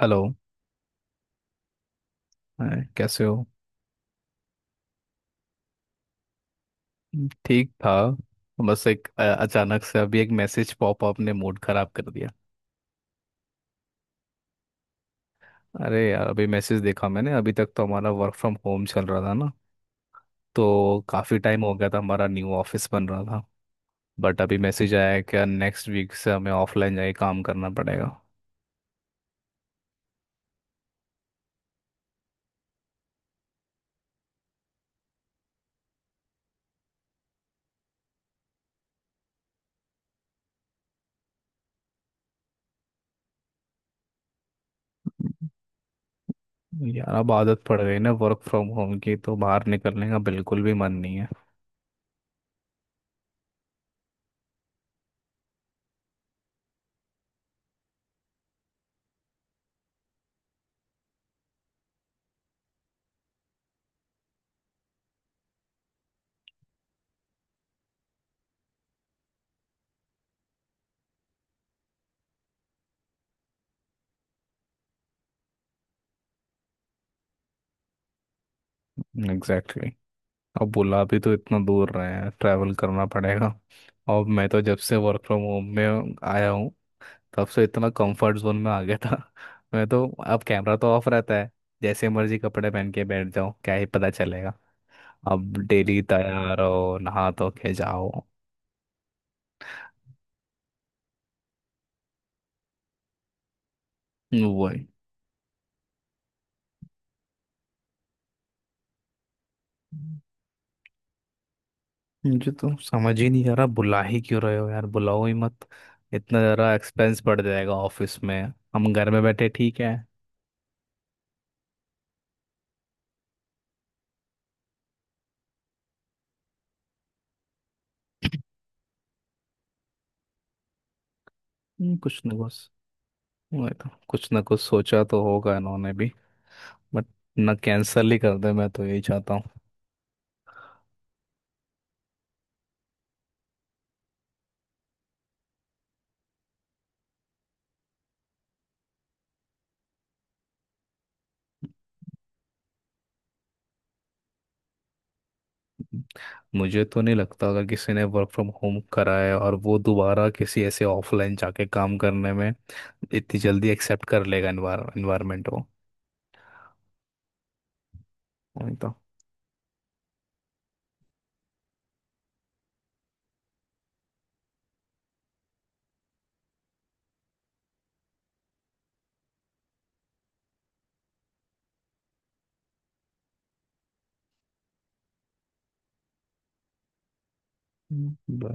Hello. Hi, कैसे हो। ठीक था। बस एक अचानक से अभी एक मैसेज पॉपअप ने मूड खराब कर दिया। अरे यार अभी मैसेज देखा मैंने। अभी तक तो हमारा वर्क फ्रॉम होम चल रहा था ना, तो काफ़ी टाइम हो गया था हमारा न्यू ऑफिस बन रहा था। बट अभी मैसेज आया है कि नेक्स्ट वीक से हमें ऑफलाइन जाके काम करना पड़ेगा। हम्म। यार अब आदत पड़ गई ना वर्क फ्रॉम होम की, तो बाहर निकलने का बिल्कुल भी मन नहीं है। एग्जैक्टली। अब बुला भी तो इतना दूर रहे हैं, ट्रैवल करना पड़ेगा। और मैं तो जब से वर्क फ्रॉम होम में आया हूँ, तब से इतना कंफर्ट जोन में आ गया था मैं तो अब कैमरा तो ऑफ रहता है, जैसे मर्जी कपड़े पहन के बैठ जाओ क्या ही पता चलेगा। अब डेली तैयार हो नहा धो के जाओ। वही। मुझे तो समझ ही नहीं आ रहा बुला ही क्यों रहे हो यार, बुलाओ ही मत। इतना ज़रा एक्सपेंस बढ़ जाएगा ऑफिस में। हम घर में बैठे ठीक है। कुछ नहीं बस। मैं तो कुछ ना कुछ सोचा तो होगा इन्होंने भी, बट ना कैंसिल ही कर दे मैं तो यही चाहता हूँ। मुझे तो नहीं लगता अगर किसी ने वर्क फ्रॉम होम करा है और वो दोबारा किसी ऐसे ऑफलाइन जाके काम करने में इतनी जल्दी एक्सेप्ट कर लेगा इन्वायरमेंट वो। वही तो। हम्म, ब-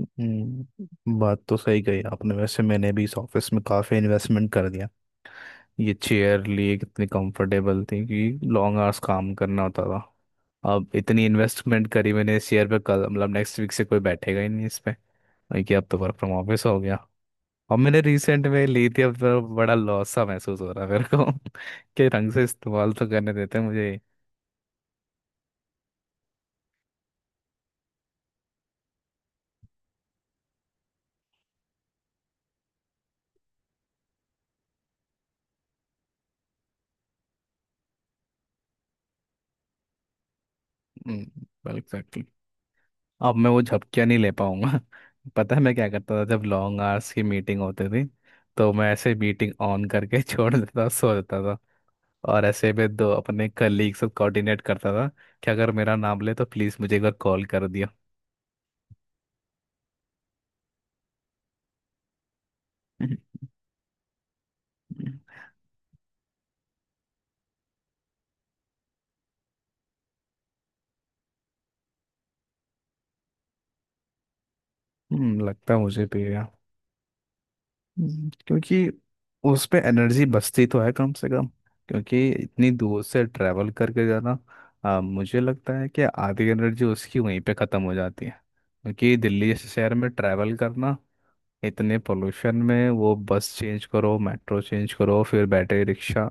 बात तो सही कही आपने, वैसे मैंने भी इस ऑफिस में काफ़ी इन्वेस्टमेंट कर दिया। ये चेयर लिए कितनी कंफर्टेबल थी कि लॉन्ग आवर्स काम करना होता था। अब इतनी इन्वेस्टमेंट करी मैंने शेयर पे कल मतलब नेक्स्ट वीक से कोई बैठेगा ही नहीं इस पे। वही कि अब तो वर्क फ्रॉम ऑफिस हो गया। और मैंने रिसेंट में ली थी, अब तो बड़ा लॉस सा महसूस हो रहा है मेरे को कि ढंग से इस्तेमाल तो करने देते हैं मुझे। एग्जैक्टली। अब मैं वो झपकियाँ नहीं ले पाऊंगा। पता है मैं क्या करता था जब लॉन्ग आवर्स की मीटिंग होती थी, तो मैं ऐसे मीटिंग ऑन करके छोड़ देता सो देता था। और ऐसे में दो अपने कलीग से कोऑर्डिनेट करता था कि अगर मेरा नाम ले तो प्लीज़ मुझे एक बार कॉल कर दिया। लगता है मुझे भी है। क्योंकि उस पे एनर्जी बचती तो है कम से कम, क्योंकि इतनी दूर से ट्रैवल करके जाना। मुझे लगता है कि आधी एनर्जी उसकी वहीं पे ख़त्म हो जाती है, क्योंकि दिल्ली जैसे शहर में ट्रैवल करना इतने पोल्यूशन में वो बस चेंज करो मेट्रो चेंज करो फिर बैटरी रिक्शा।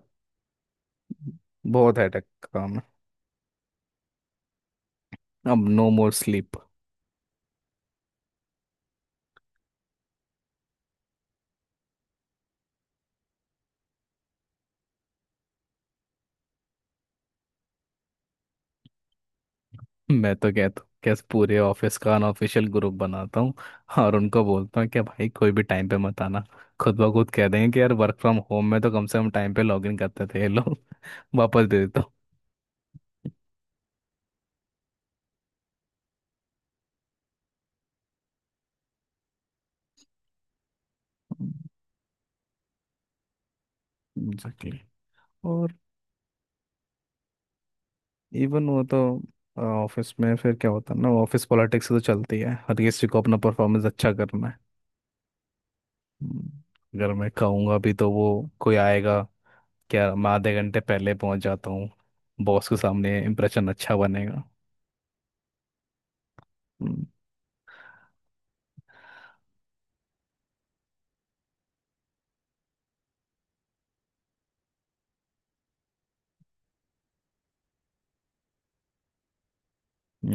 बहुत हेडेक का काम है। अब नो मोर स्लीप। मैं तो कहता हूँ कैसे पूरे ऑफिस का अनऑफिशियल ग्रुप बनाता हूँ और उनको बोलता हूँ कि भाई कोई भी टाइम पे मत आना। खुद ब खुद कह देंगे कि यार वर्क फ्रॉम होम में तो कम से कम टाइम पे लॉग इन करते थे ये लोग। वापस दे देता हूँ। एग्जैक्टली। और इवन वो तो ऑफिस में फिर क्या होता है ना, ऑफिस पॉलिटिक्स तो चलती है हर किसी को अपना परफॉर्मेंस अच्छा करना है। हम्म, अगर मैं कहूँगा भी तो वो कोई आएगा क्या, मैं आधे घंटे पहले पहुँच जाता हूँ बॉस के सामने इम्प्रेशन अच्छा बनेगा।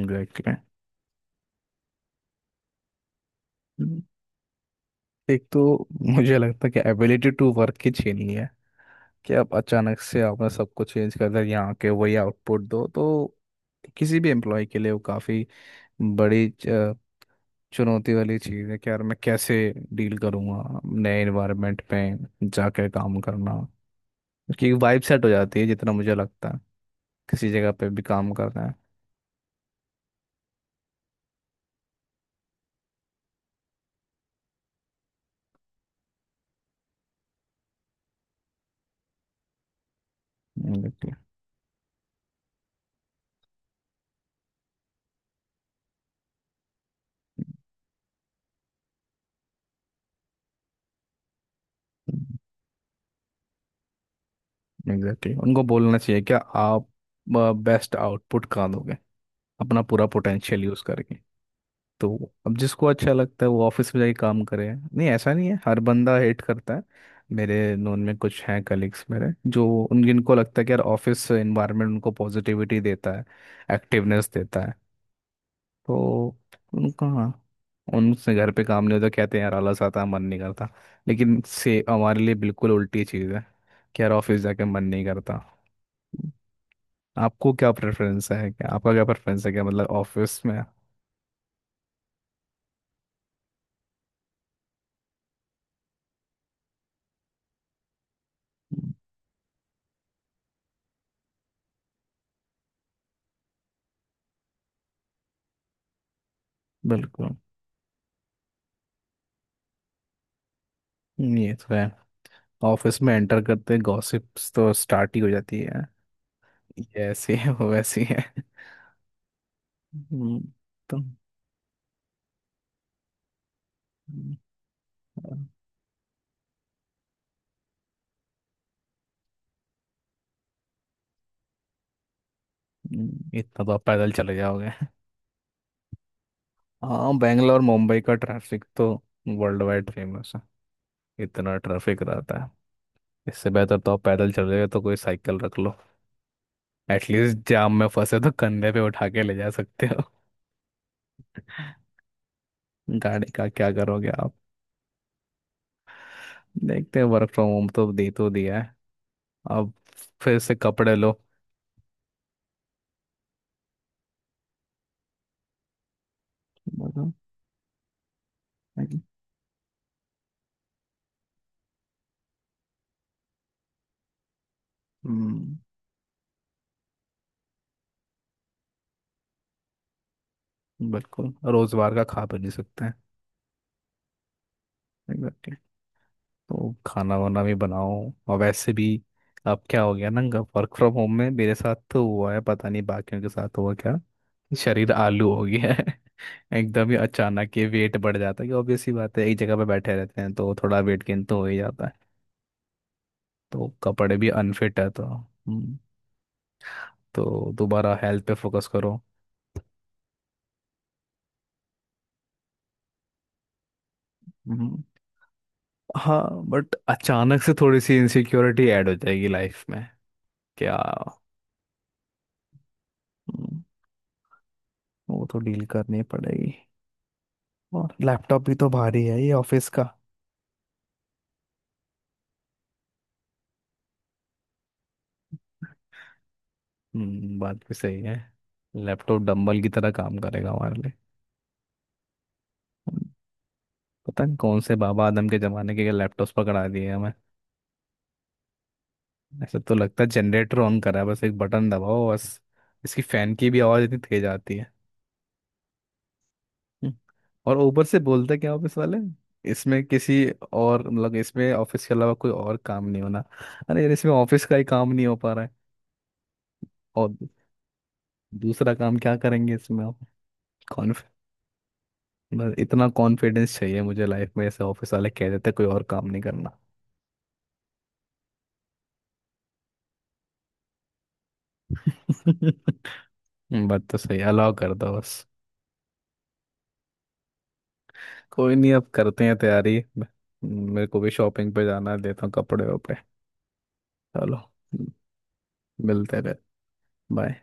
एग्जैक्टली। हम्म। एक तो मुझे लगता है कि एबिलिटी टू वर्क की छीनी है कि आप अचानक से आपने सब कुछ चेंज कर दिया यहाँ के वही आउटपुट दो तो किसी भी एम्प्लॉय के लिए वो काफ़ी बड़ी चुनौती वाली चीज़ है कि यार मैं कैसे डील करूँगा नए एनवायरनमेंट में जाकर काम करना, क्योंकि वाइब सेट हो जाती है जितना मुझे लगता है किसी जगह पे भी काम करना है। एग्जैक्टली। एग्जैक्टली उनको बोलना चाहिए क्या आप बेस्ट आउटपुट कहाँ दोगे अपना पूरा पोटेंशियल यूज़ करके। तो अब जिसको अच्छा लगता है वो ऑफिस में जाके काम करे, नहीं ऐसा नहीं है हर बंदा हेट करता है। मेरे नोन में कुछ हैं कलीग्स मेरे जो उन जिनको लगता है कि यार ऑफिस एनवायरनमेंट उनको पॉजिटिविटी देता है, एक्टिवनेस देता है। तो उनका उनसे घर पे काम नहीं होता, कहते हैं यार आलस आता है, मन नहीं करता। लेकिन से हमारे लिए बिल्कुल उल्टी चीज़ है कि यार ऑफिस जाके मन नहीं करता। आपको क्या प्रेफरेंस है क्या, आपका क्या प्रेफरेंस है क्या मतलब ऑफिस में। बिल्कुल। ये तो है। ऑफिस में एंटर करते ही गॉसिप्स तो स्टार्ट ही हो जाती है, ये ऐसी है वो वैसी है। हम्म, तो हम्म, इतना तो आप पैदल चले जाओगे। हाँ बेंगलोर मुंबई का ट्रैफिक तो वर्ल्ड वाइड फेमस है, इतना ट्रैफिक रहता है। इससे बेहतर तो आप पैदल चले गए तो कोई साइकिल रख लो, एटलीस्ट जाम में फंसे तो कंधे पे उठा के ले जा सकते हो। गाड़ी का क्या करोगे आप। देखते हैं वर्क फ्रॉम होम तो दे तो दिया है, अब फिर से कपड़े लो। बताओ। हम्म बिल्कुल रोजवार का खा भी नहीं सकते हैं। एग्जैक्टली। तो खाना वाना भी बनाओ। और वैसे भी अब क्या हो गया ना, वर्क फ्रॉम होम में मेरे साथ तो हुआ है पता नहीं बाकियों के साथ हुआ क्या, शरीर आलू हो गया है। एकदम ही अचानक ये वेट बढ़ जाता है कि ऑब्वियस सी बात है एक जगह पे बैठे रहते हैं तो थोड़ा वेट गेन तो हो ही जाता है। तो कपड़े भी अनफिट है तो दोबारा हेल्थ पे फोकस करो। हम्म, हाँ। बट अचानक से थोड़ी सी इनसिक्योरिटी ऐड हो जाएगी लाइफ में। क्या। हम्म, वो तो डील करनी पड़ेगी। और लैपटॉप भी तो भारी है ये ऑफिस का। बात भी सही है, लैपटॉप डंबल की तरह काम करेगा हमारे लिए। हम्म, पता नहीं कौन से बाबा आदम के जमाने के लैपटॉप्स पकड़ा दिए हमें। ऐसा तो लगता है जनरेटर ऑन करा है बस एक बटन दबाओ बस, इसकी फैन की भी आवाज़ इतनी तेज आती है। हम्म, और ऊपर से बोलते क्या ऑफिस वाले इसमें किसी और मतलब इसमें ऑफिस के अलावा कोई और काम नहीं होना, अरे यार इसमें ऑफिस का ही काम नहीं हो पा रहा है, और दूसरा काम क्या करेंगे इसमें आप। बस इतना कॉन्फिडेंस चाहिए मुझे लाइफ में ऐसे ऑफिस वाले कह देते कोई और काम नहीं करना। बात तो सही अलाउ कर दो बस। कोई नहीं अब करते हैं तैयारी। मेरे को भी शॉपिंग पे जाना है देता हूँ कपड़े वपड़े। चलो। मिलते रहे। बाय।